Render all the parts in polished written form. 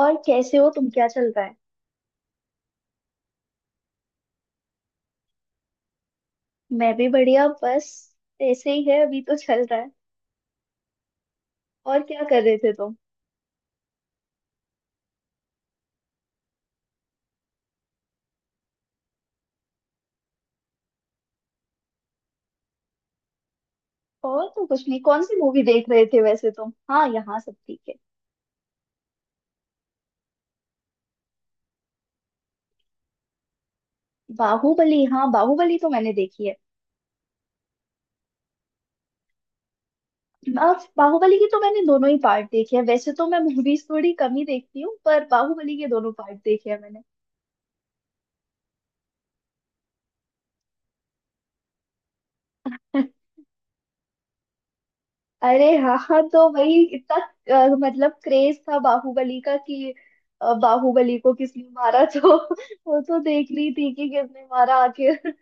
और कैसे हो तुम? क्या चल रहा है? मैं भी बढ़िया। बस ऐसे ही है, अभी तो चल रहा है। और क्या कर रहे थे तुम? और तो कुछ नहीं। कौन सी मूवी देख रहे थे वैसे तुम? हाँ, यहाँ सब ठीक है। बाहुबली? हाँ, बाहुबली तो मैंने देखी है। अब बाहुबली की तो मैंने दोनों ही पार्ट देखे हैं। वैसे तो मैं मूवीज थोड़ी कम ही देखती हूँ, पर बाहुबली के दोनों पार्ट देखे हैं मैंने। अरे, हाँ हाँ, तो वही इतना मतलब क्रेज था बाहुबली का कि। बाहुबली को किसने मारा, तो वो तो देख रही थी कि किसने मारा आखिर।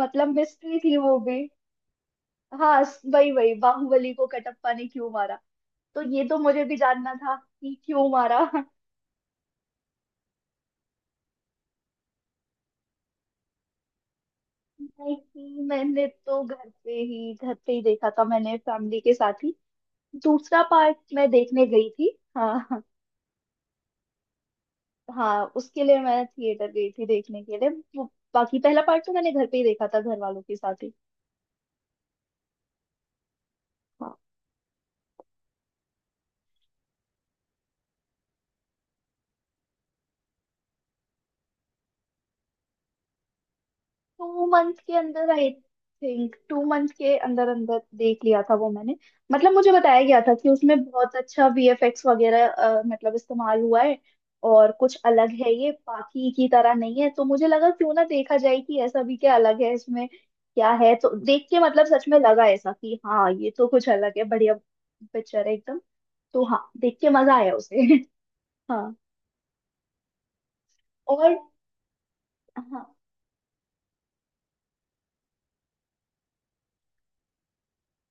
मतलब मिस्ट्री थी वो भी। हाँ, वही वही, बाहुबली को कटप्पा ने क्यों मारा। तो ये तो मुझे भी जानना था कि क्यों मारा। नहीं, मैंने तो घर पे ही देखा था, मैंने फैमिली के साथ ही। दूसरा पार्ट मैं देखने गई थी, हाँ हाँ। हाँ, उसके लिए मैं थिएटर गई थी देखने के लिए। वो बाकी पहला पार्ट तो मैंने घर पे ही देखा था, घर वालों के साथ ही। हाँ, 2 मंथ के अंदर, आई थिंक 2 मंथ के अंदर अंदर देख लिया था वो मैंने। मतलब मुझे बताया गया था कि उसमें बहुत अच्छा वीएफएक्स वगैरह मतलब इस्तेमाल हुआ है। और कुछ अलग है, ये बाकी की तरह नहीं है, तो मुझे लगा क्यों ना देखा जाए कि ऐसा भी क्या अलग है इसमें, क्या है। तो देख के मतलब सच में लगा ऐसा कि हाँ, ये तो कुछ अलग है, बढ़िया पिक्चर है एकदम। तो हाँ, देख के मजा आया उसे। हाँ। और। हाँ।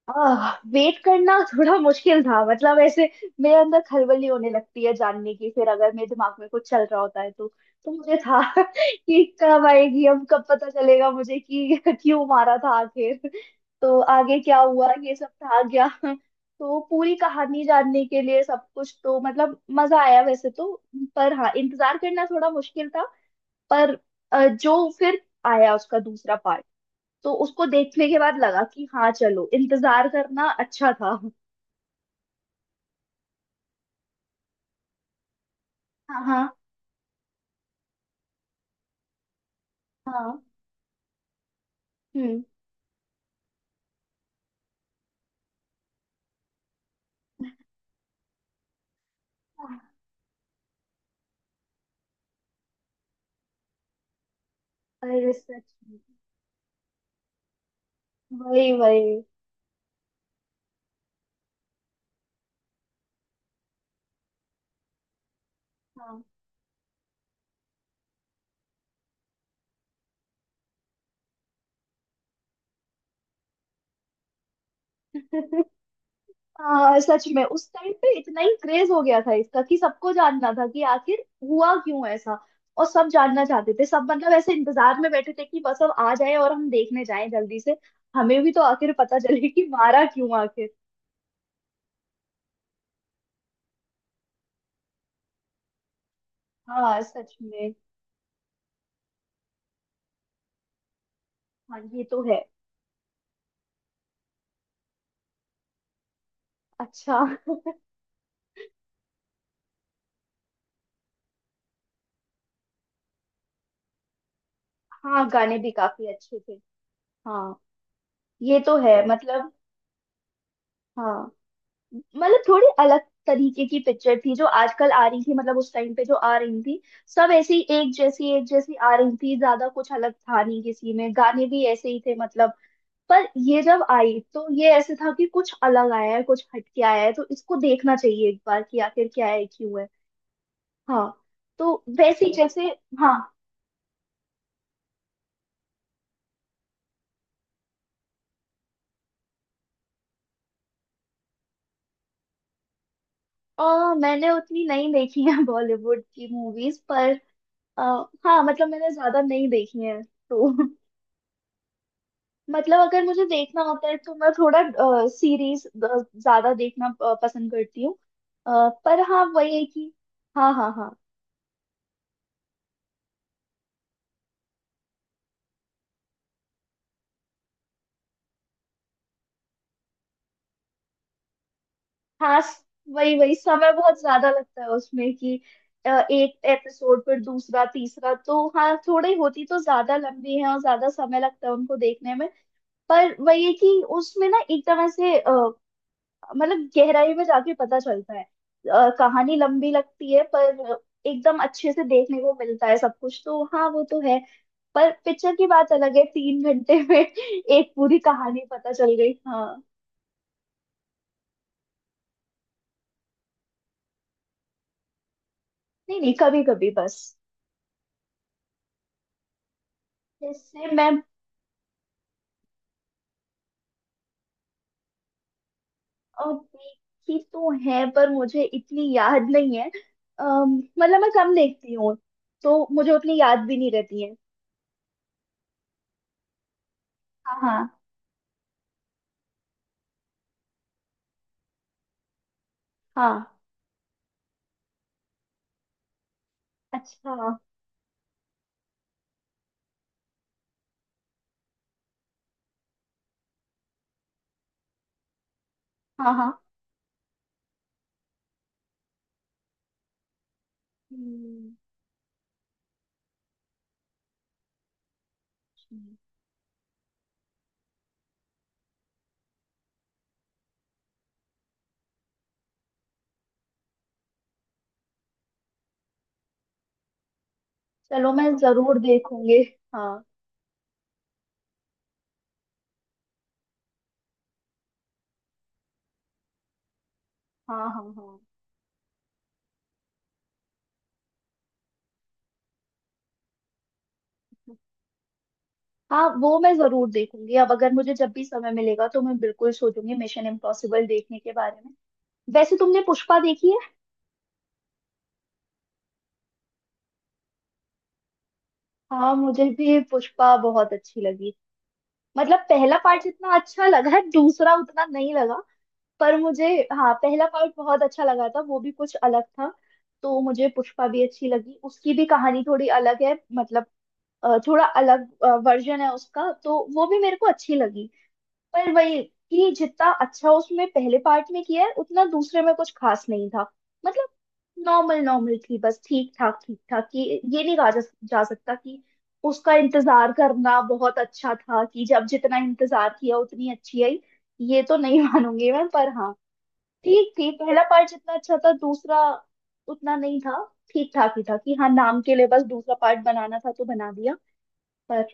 वेट करना थोड़ा मुश्किल था मतलब ऐसे। मेरे अंदर खलबली होने लगती है जानने की, फिर अगर मेरे दिमाग में कुछ चल रहा होता है तो। तो मुझे था कि कब आएगी, अब कब पता चलेगा मुझे कि क्यों मारा था आखिर। तो आगे क्या हुआ ये सब था, गया। तो पूरी कहानी जानने के लिए सब कुछ, तो मतलब मजा आया वैसे तो। पर हाँ, इंतजार करना थोड़ा मुश्किल था। पर जो फिर आया उसका दूसरा पार्ट, तो उसको देखने के बाद लगा कि हाँ, चलो, इंतजार करना अच्छा था। हाँ हाँ हाँ। हम्म। अरे, सच में। वही वही। हाँ। हाँ, सच में, उस टाइम पे इतना ही क्रेज हो गया था इसका कि सबको जानना था कि आखिर हुआ क्यों ऐसा। और सब जानना चाहते थे, सब मतलब ऐसे इंतजार में बैठे थे कि बस अब आ जाए और हम देखने जाएं जल्दी से। हमें भी तो आखिर पता चले कि मारा क्यों, आखिर। हाँ, सच में। हाँ, ये तो है। अच्छा। हाँ, गाने भी काफी अच्छे थे। हाँ, ये तो है मतलब। हाँ। मतलब थोड़ी अलग तरीके की पिक्चर थी, जो आजकल आ रही थी, मतलब उस टाइम पे जो आ रही थी। सब ऐसी एक जैसी आ रही थी, ज्यादा कुछ अलग था नहीं किसी में, गाने भी ऐसे ही थे मतलब। पर ये जब आई तो ये ऐसे था कि कुछ अलग आया है, कुछ हटके आया है, तो इसको देखना चाहिए एक बार कि आखिर क्या है, क्यों है। हाँ, तो वैसे ही जैसे। हाँ, और मैंने उतनी नहीं देखी है बॉलीवुड की मूवीज पर। अ, हाँ, मतलब मैंने ज्यादा नहीं देखी है तो। मतलब अगर मुझे देखना होता है तो मैं थोड़ा सीरीज ज्यादा देखना पसंद करती हूँ। पर हाँ, वही है कि। हाँ हाँ हाँ। हाँ, वही वही, समय बहुत ज्यादा लगता है उसमें कि। एक एपिसोड पर दूसरा तीसरा, तो हाँ, थोड़ी होती तो ज्यादा लंबी है, और ज्यादा समय लगता है उनको देखने में। पर वही है कि उसमें ना एकदम ऐसे मतलब गहराई में जाके पता चलता है, कहानी लंबी लगती है पर एकदम अच्छे से देखने को मिलता है सब कुछ, तो हाँ, वो तो है। पर पिक्चर की बात अलग है, 3 घंटे में एक पूरी कहानी पता चल गई। हाँ। नहीं नहीं, कभी कभी बस। जैसे मैं देखी तो है पर मुझे इतनी याद नहीं है। मतलब मैं कम देखती हूँ, तो मुझे उतनी याद भी नहीं रहती है। हाँ हाँ हाँ। अच्छा। हाँ हाँ। हम्म, चलो, मैं जरूर देखूंगी। हाँ हाँ हाँ हाँ। हाँ, वो मैं जरूर देखूंगी। अब अगर मुझे जब भी समय मिलेगा तो मैं बिल्कुल सोचूंगी मिशन इम्पॉसिबल देखने के बारे में। वैसे तुमने पुष्पा देखी है? हाँ, मुझे भी पुष्पा बहुत अच्छी लगी। मतलब पहला पार्ट जितना अच्छा लगा, दूसरा उतना नहीं लगा। पर मुझे, हाँ, पहला पार्ट बहुत अच्छा लगा था, वो भी कुछ अलग था। तो मुझे पुष्पा भी अच्छी लगी, उसकी भी कहानी थोड़ी अलग है मतलब। थोड़ा अलग वर्जन है उसका, तो वो भी मेरे को अच्छी लगी। पर वही कि जितना अच्छा उसमें पहले पार्ट में किया है, उतना दूसरे में कुछ खास नहीं था। मतलब नॉर्मल नॉर्मल थी, बस ठीक ठाक कि ये नहीं कहा जा सकता कि उसका इंतजार करना बहुत अच्छा था, कि जब जितना इंतजार किया उतनी अच्छी आई। ये तो नहीं मानूंगी मैं, पर हाँ, ठीक थी। पहला पार्ट जितना अच्छा था, दूसरा उतना नहीं था। ठीक ठाक ही था कि हाँ, नाम के लिए बस दूसरा पार्ट बनाना था तो बना दिया। पर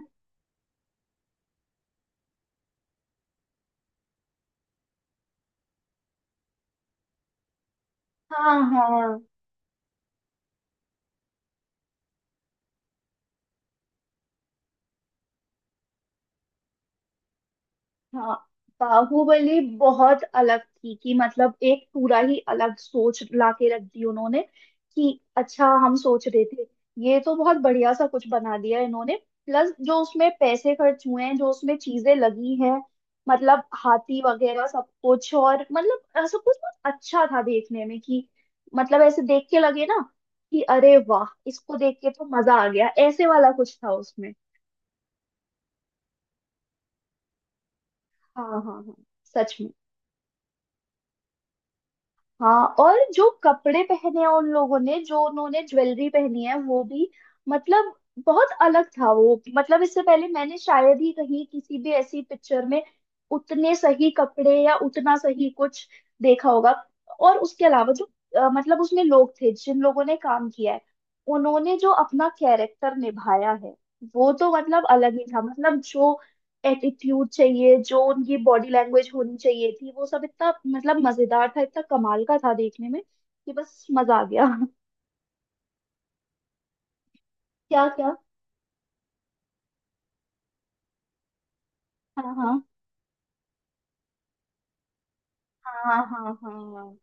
हाँ हाँ हाँ। बाहुबली बहुत अलग थी कि मतलब एक पूरा ही अलग सोच लाके रख दी उन्होंने कि अच्छा, हम सोच रहे थे ये तो बहुत बढ़िया सा कुछ बना दिया इन्होंने। प्लस जो उसमें पैसे खर्च हुए हैं, जो उसमें चीजें लगी हैं, मतलब हाथी वगैरह सब कुछ, और मतलब सब कुछ बहुत अच्छा था देखने में कि मतलब ऐसे देख के लगे ना कि अरे वाह, इसको देख के तो मजा आ गया, ऐसे वाला कुछ था उसमें। हाँ हाँ हाँ, सच में। हाँ, और जो कपड़े पहने हैं उन लोगों ने, जो उन्होंने ज्वेलरी पहनी है वो भी, मतलब बहुत अलग था वो, मतलब इससे पहले मैंने शायद ही कहीं किसी भी ऐसी पिक्चर में उतने सही कपड़े या उतना सही कुछ देखा होगा। और उसके अलावा जो मतलब उसमें लोग थे, जिन लोगों ने काम किया है, उन्होंने जो अपना कैरेक्टर निभाया है वो तो मतलब अलग ही था, मतलब जो एटीट्यूड चाहिए, जो उनकी बॉडी लैंग्वेज होनी चाहिए थी, वो सब इतना मतलब मजेदार था, इतना कमाल का था देखने में कि बस मजा आ गया। क्या क्या? हाँ हाँ हाँ हाँ हाँ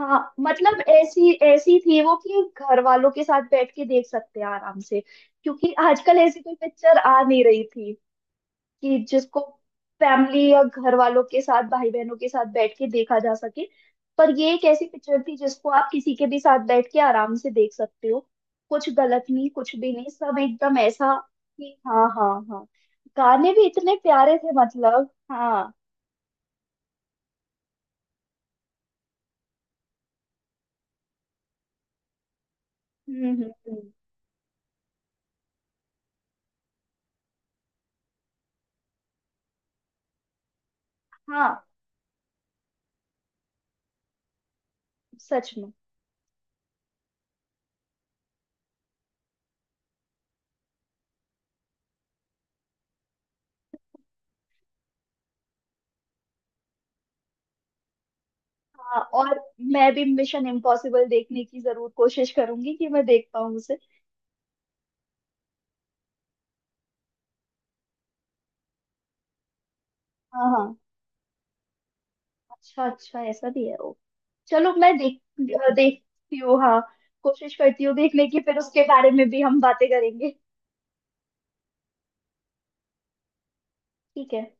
हाँ। मतलब ऐसी ऐसी थी वो कि घर वालों के साथ बैठ के देख सकते हैं आराम से, क्योंकि आजकल ऐसी कोई पिक्चर आ नहीं रही थी कि जिसको फैमिली या घर वालों के साथ, भाई बहनों के साथ बैठ के देखा जा सके। पर ये एक ऐसी पिक्चर थी जिसको आप किसी के भी साथ बैठ के आराम से देख सकते हो, कुछ गलत नहीं, कुछ भी नहीं, सब एकदम ऐसा कि हाँ हाँ हाँ। गाने भी इतने प्यारे थे मतलब। हाँ। हम्म हम्म हम्म। हाँ, सच में। हाँ, और मैं भी मिशन इम्पॉसिबल देखने की जरूर कोशिश करूंगी कि मैं देख पाऊँ उसे। हाँ हाँ। अच्छा अच्छा, ऐसा भी है वो। चलो, मैं देखती हूँ, हाँ। कोशिश करती हूँ देखने की, फिर उसके बारे में भी हम बातें करेंगे। ठीक है।